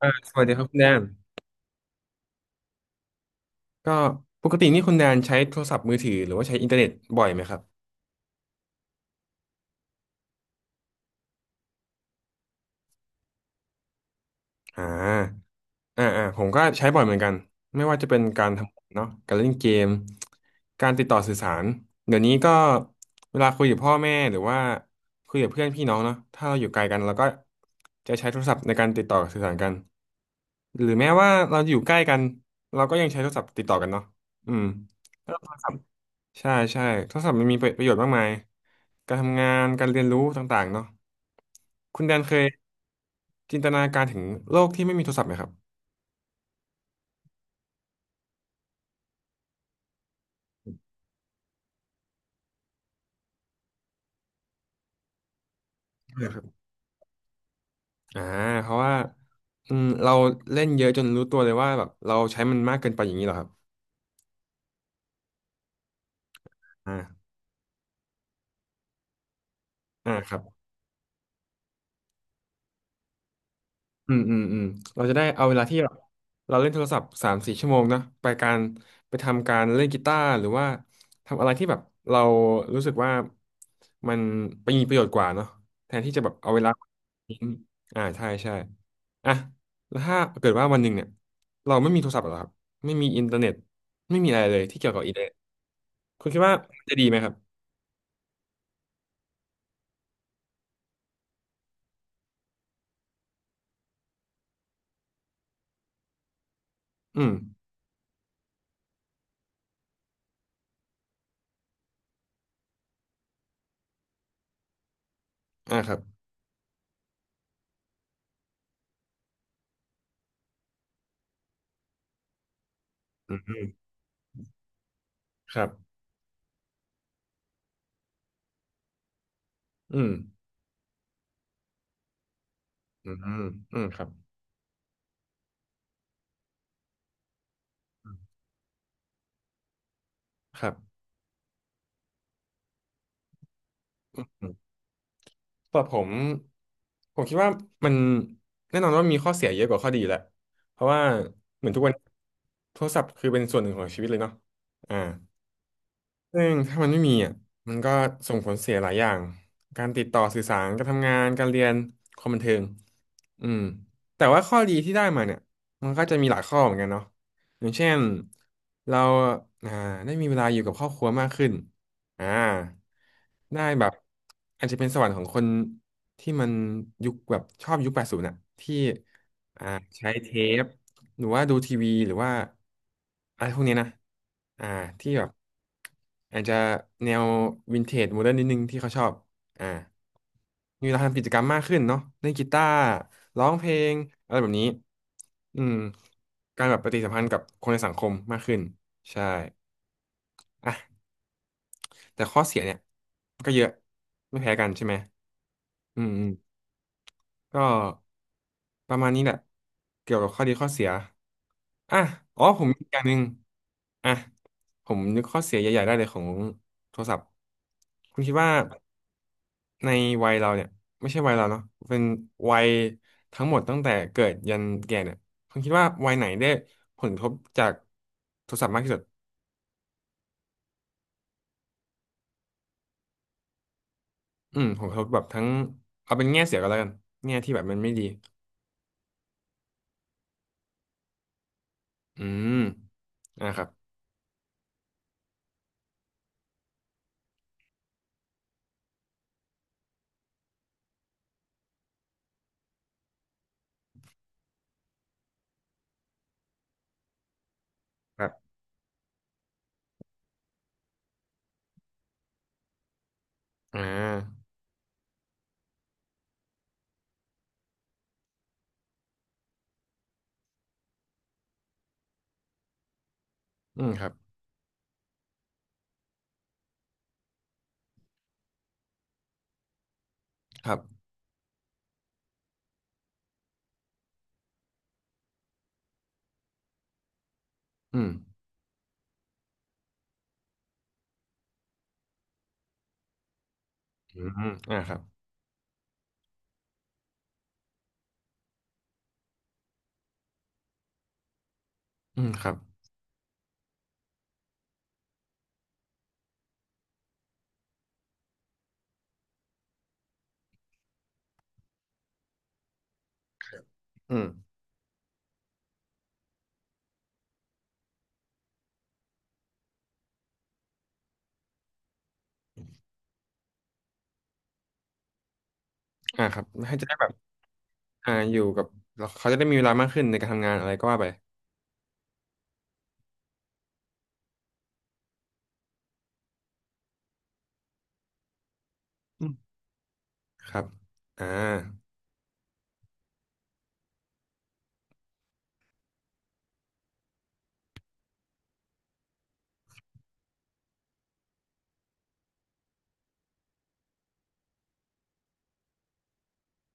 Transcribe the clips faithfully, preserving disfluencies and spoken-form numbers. อ่าสวัสดีครับคุณแดนก็ปกตินี่คุณแดนใช้โทรศัพท์มือถือหรือว่าใช้อินเทอร์เน็ตบ่อยไหมครับอ่าอ่าอ่าผมก็ใช้บ่อยเหมือนกันไม่ว่าจะเป็นการทำงานเนาะการเล่นเกมการติดต่อสื่อสารเดี๋ยวนี้ก็เวลาคุยกับพ่อแม่หรือว่าคุยกับเพื่อนพี่น้องเนาะถ้าเราอยู่ไกลกันเราก็จะใช้โทรศัพท์ในการติดต่อสื่อสารกันหรือแม้ว่าเราอยู่ใกล้กันเราก็ยังใช้โทรศัพท์ติดต่อกันเนาะอืมแล้วโทรศัพท์ ใช่ใช่โทรศัพท์มันมีประโยชน์มากมาย การทำงาน การเรียนรู้ต่างๆเนาะคุณแดนเคยจินตนาการถึงโลกที่ไม่มีโทรศัพท์ไหมครับไม่ครับอ่าเพราะว่าอืมเราเล่นเยอะจนรู้ตัวเลยว่าแบบเราใช้มันมากเกินไปอย่างนี้เหรอครับอ่าอ่าครับ อืมอืมอืมเราจะได้เอาเวลาที่แบบเราเล่นโทรศัพท์สามสี่ชั่วโมงนะไปการไปทำการเล่นกีตาร์หรือว่าทำอะไรที่แบบเรารู้สึกว่ามันไปมีประโยชน์กว่าเนาะแทนที่จะแบบเอาเวลาทิ้งอ่าใช่ใช่อ่ะแล้วถ้าเกิดว่าวันหนึ่งเนี่ยเราไม่มีโทรศัพท์หรอกครับไม่มีอินเทอร์เน็ตไม่มีอะไรเลยที่เกี่ยวกับอินเทอร์เน็ตคุณคิดว่าจะดีไหมครับอืมอ่าครับอืมอืมครับอืมอืมอืมอืมครับครับ แต่ผมผมคิดว่ามันแน่นอนว่ามีข้อเสียเยอะกว่าข้อดีแหละเพราะว่าเหมือนทุกวันโทรศัพท์คือเป็นส่วนหนึ่งของชีวิตเลยเนาะอ่า ซึ่งถ้ามันไม่มีอ่ะมันก็ส่งผลเสียหลายอย่างการติดต่อสื่อสารการทำงานการเรียนความบันเทิงอืมแต่ว่าข้อดีที่ได้มาเนี่ยมันก็จะมีหลายข้อเหมือนกันเนาะอย่างเช่นเราอ่าได้มีเวลาอยู่กับครอบครัวมากขึ้นอ่าได้แบบอาจจะเป็นสวรรค์ของคนที่มันยุคแบบชอบยุคแปดศูนย์อ่ะที่อ่าใช้เทป หรือว่าดูทีวีหรือว่าอะไรพวกนี้นะอ่าที่แบบอาจจะแนววินเทจโมเดิร์นนิดนึงที่เขาชอบอ่ามีเวลาทำกิจกรรมมากขึ้นเนาะเล่นกีตาร์ร้องเพลงอะไรแบบนี้อืมการแบบปฏิสัมพันธ์กับคนในสังคมมากขึ้นใช่อ่ะแต่ข้อเสียเนี่ยก็เยอะไม่แพ้กันใช่ไหมอืม ก็ประมาณนี้แหละเกี่ยวกับข้อดีข้อเสียอ่ะอ๋อผมมีอกอย่างหนึ่งอ่ะผมนึกข้อเสียใหญ่ๆได้เลยของโทรศัพท์คุณคิดว่าในวัยเราเนี่ยไม่ใช่วัยเราเนาะเป็นวัยทั้งหมดตั้งแต่เกิดยันแก่เนี่ยคุณคิดว่าวัยไหนได้ผลกระทบจากโทรศัพท์มากที่สุดอืมผลกระทบแบบทั้งเอาเป็นแง่เสียก็แล้วกันแง่ที่แบบมันไม่ดีอืมอ่ะครับครับอ่าอืมครับ ครับอืมอืมอ่าครับ อืมครับ อืม อ่าครับให้จะได้แบบ อ่าอยู่กับแล้วเขาจะได้มีเวลามากขึ้นในการทำงานอะไรก็ว่าไป อืมครับ อ่า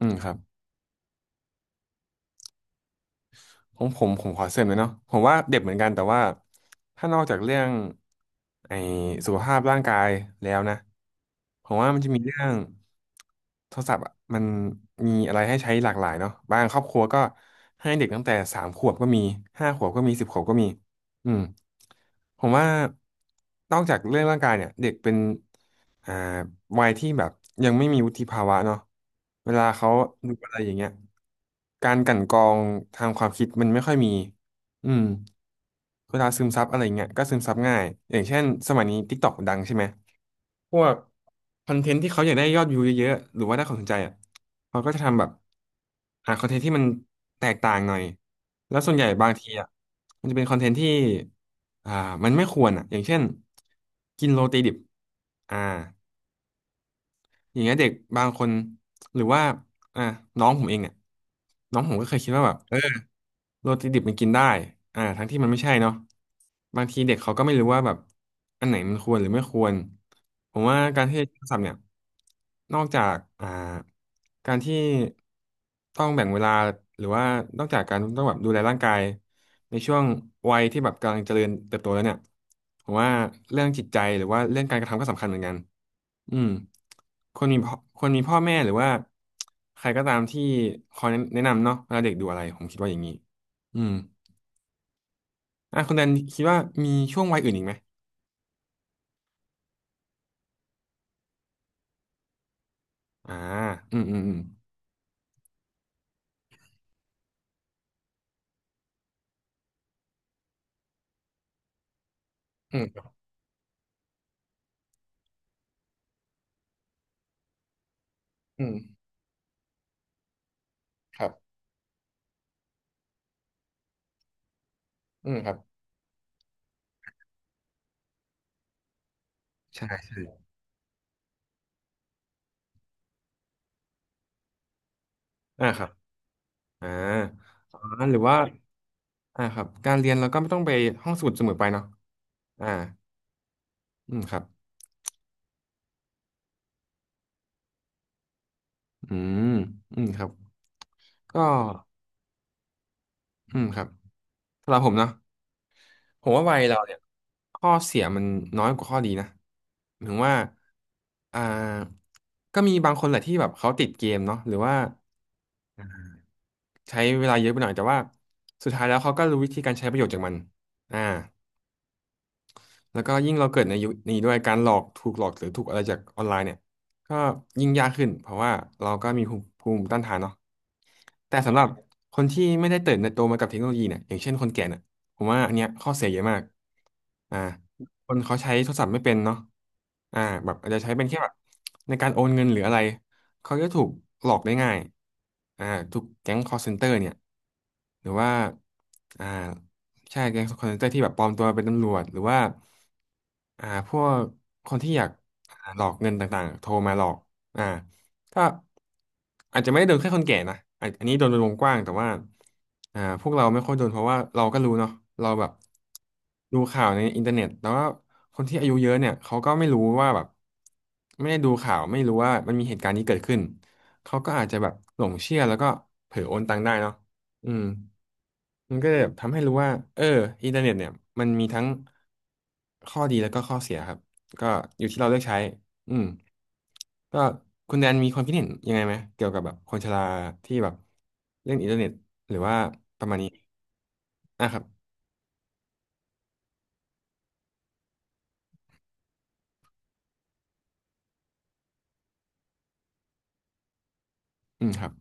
อืมครับ ผมผมผมขอเสริมเลยเนาะผมว่าเด็กเหมือนกันแต่ว่าถ้านอกจากเรื่องไอ้สุขภาพร่างกายแล้วนะผมว่ามันจะมีเรื่องโทรศัพท์อะมันมีอะไรให้ใช้หลากหลายเนาะบางครอบครัวก็ให้เด็กตั้งแต่สามขวบก็มีห้าขวบก็มีสิบขวบก็มีอืมผมว่านอกจากเรื่องร่างกายเนี่ยเด็กเป็น อ่าวัยที่แบบยังไม่มีวุฒิภาวะเนาะเวลาเขาดูอะไรอย่างเงี้ยการกลั่นกรองทางความคิดมันไม่ค่อยมีอืมเวลาซึมซับอะไรเงี้ยก็ซึมซับง่ายอย่างเช่นสมัยนี้ TikTok ดังใช่ไหมพวกคอนเทนต์ที่เขาอยากได้ยอดวิวเยอะๆหรือว่าได้ความสนใจอ่ะเขาก็จะทำแบบหาคอนเทนต์ที่มันแตกต่างหน่อยแล้วส่วนใหญ่บางทีอ่ะมันจะเป็นคอนเทนต์ที่อ่ามันไม่ควรอ่ะอย่างเช่นกินโรตีดิบอ่า อย่างเงี้ยเด็กบางคนหรือว่าอ่ะน้องผมเองเนี่ยน้องผมก็เคยคิดว่าแบบเอ โรตีดิบมันกินได้อ่าทั้งที่มันไม่ใช่เนาะบางทีเด็กเขาก็ไม่รู้ว่าแบบอันไหนมันควรหรือไม่ควรผมว่าการที่ใช้ศัพท์เนี่ย นอกจากอ่าการที่ต้องแบ่งเวลา หรือว่านอกจากการต้องแบบดูแลร่างกายในช่วงวัยที่แบบกำลังเจริญเติบโตแล้วเนี่ย ผมว่าเรื่องจิตใจหรือว่าเรื่องการกระทำก็สำคัญเหมือนกันอืมคนมีพ่อคนมีพ่อแม่หรือว่าใครก็ตามที่คอยแนะนำเนาะเวลาเด็กดูอะไรผมคิดว่าอย่างนี้ อืมอ่ะคุณแดนคิดว่ามีช่วงวัยอื่นอีกไหมอ่าอืมอืมอืมอืมครับอืมครับอืมครับใช่ ใช่อ่าครับอ่าออหรือว่าอ่าครับการเรียนเราก็ไม่ต้องไปห้องสมุดเสมอไปเนาะอ่าอืมครับอืมอืมครับก็อืมครับสำหรับผมเนาะผมว่าวัยเราเนี่ยข้อเสียมันน้อยกว่าข้อดีนะหมายถึงว่าอ่าก็มีบางคนแหละที่แบบเขาติดเกมเนาะหรือว่า ใช้เวลาเยอะไปหน่อยแต่ว่าสุดท้ายแล้วเขาก็รู้วิธีการใช้ประโยชน์จากมันอ่า แล้วก็ยิ่งเราเกิดในยุคนี้ด้วยการหลอกถูกหลอกหรือถูกอะไรจากออนไลน์เนี่ยก็ยิ่งยากขึ้นเพราะว่าเราก็มีภูมิภูมิต้านทานเนาะแต่สำหรับคนที่ไม่ได้เติบโตมากับเทคโนโลยีเนี่ยอย่างเช่นคนแก่เนี่ยผมว่าอันเนี้ยข้อเสียเยอะมากอ่าคนเขาใช้โทรศัพท์ไม่เป็นเนาะอ่าแบบอาจจะใช้เป็นแค่แบบในการโอนเงินหรืออะไรเขาจะถูกหลอกได้ง่ายอ่าถูกแก๊ง คอล เซ็นเตอร์ เนี่ยหรือว่าอ่า ใช่แก๊งคอลเซ็นเตอร์ที่แบบปลอมตัวเป็นตำรวจหรือว่าอ่าพวกคนที่อยากอ่าหลอกเงินต่างๆโทรมาหลอกอ่าก็อาจจะไม่ได้โดนแค่คนแก่นะอาจอันนี้โดนเป็นวงกว้างแต่ว่าอ่าพวกเราไม่ค่อยโดนเพราะว่าเราก็รู้เนาะเราแบบดูข่าวในอินเทอร์เน็ตแต่วว่าคนที่อายุเยอะเนี่ยเขาก็ไม่รู้ว่าแบบไม่ได้ดูข่าวไม่รู้ว่ามันมีเหตุการณ์นี้เกิดขึ้นเขาก็อาจจะแบบหลงเชื่อแล้วก็เผลอโอนตังค์ได้เนาะอืม มันก็เลยแบบทำให้รู้ว่าเอออินเทอร์เน็ตเนี่ยมันมีทั้งข้อดีแล้วก็ข้อเสียครับก็อยู่ที่เราเลือกใช้อืมก็คุณแดนมีความคิดเห็นยังไงไหมเกี่ยวกับแบบคนชราที่แบบเล่นอินเทอร์เน็ตหรือว่าประมาณนี้อ่ะครับอืมครับ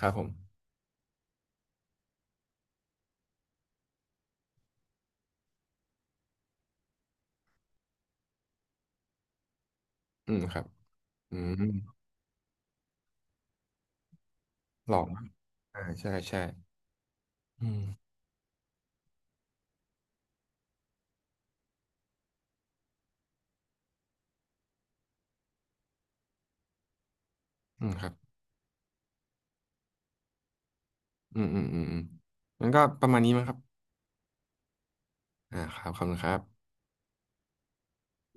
ครับผมอืมครับอืมหลอกอ่าใช่ใช่อืมอืมครับอืมอืมอืมอืมมันก็ประมาณนี้มั้งครับอ่าครับขอบคุณครับ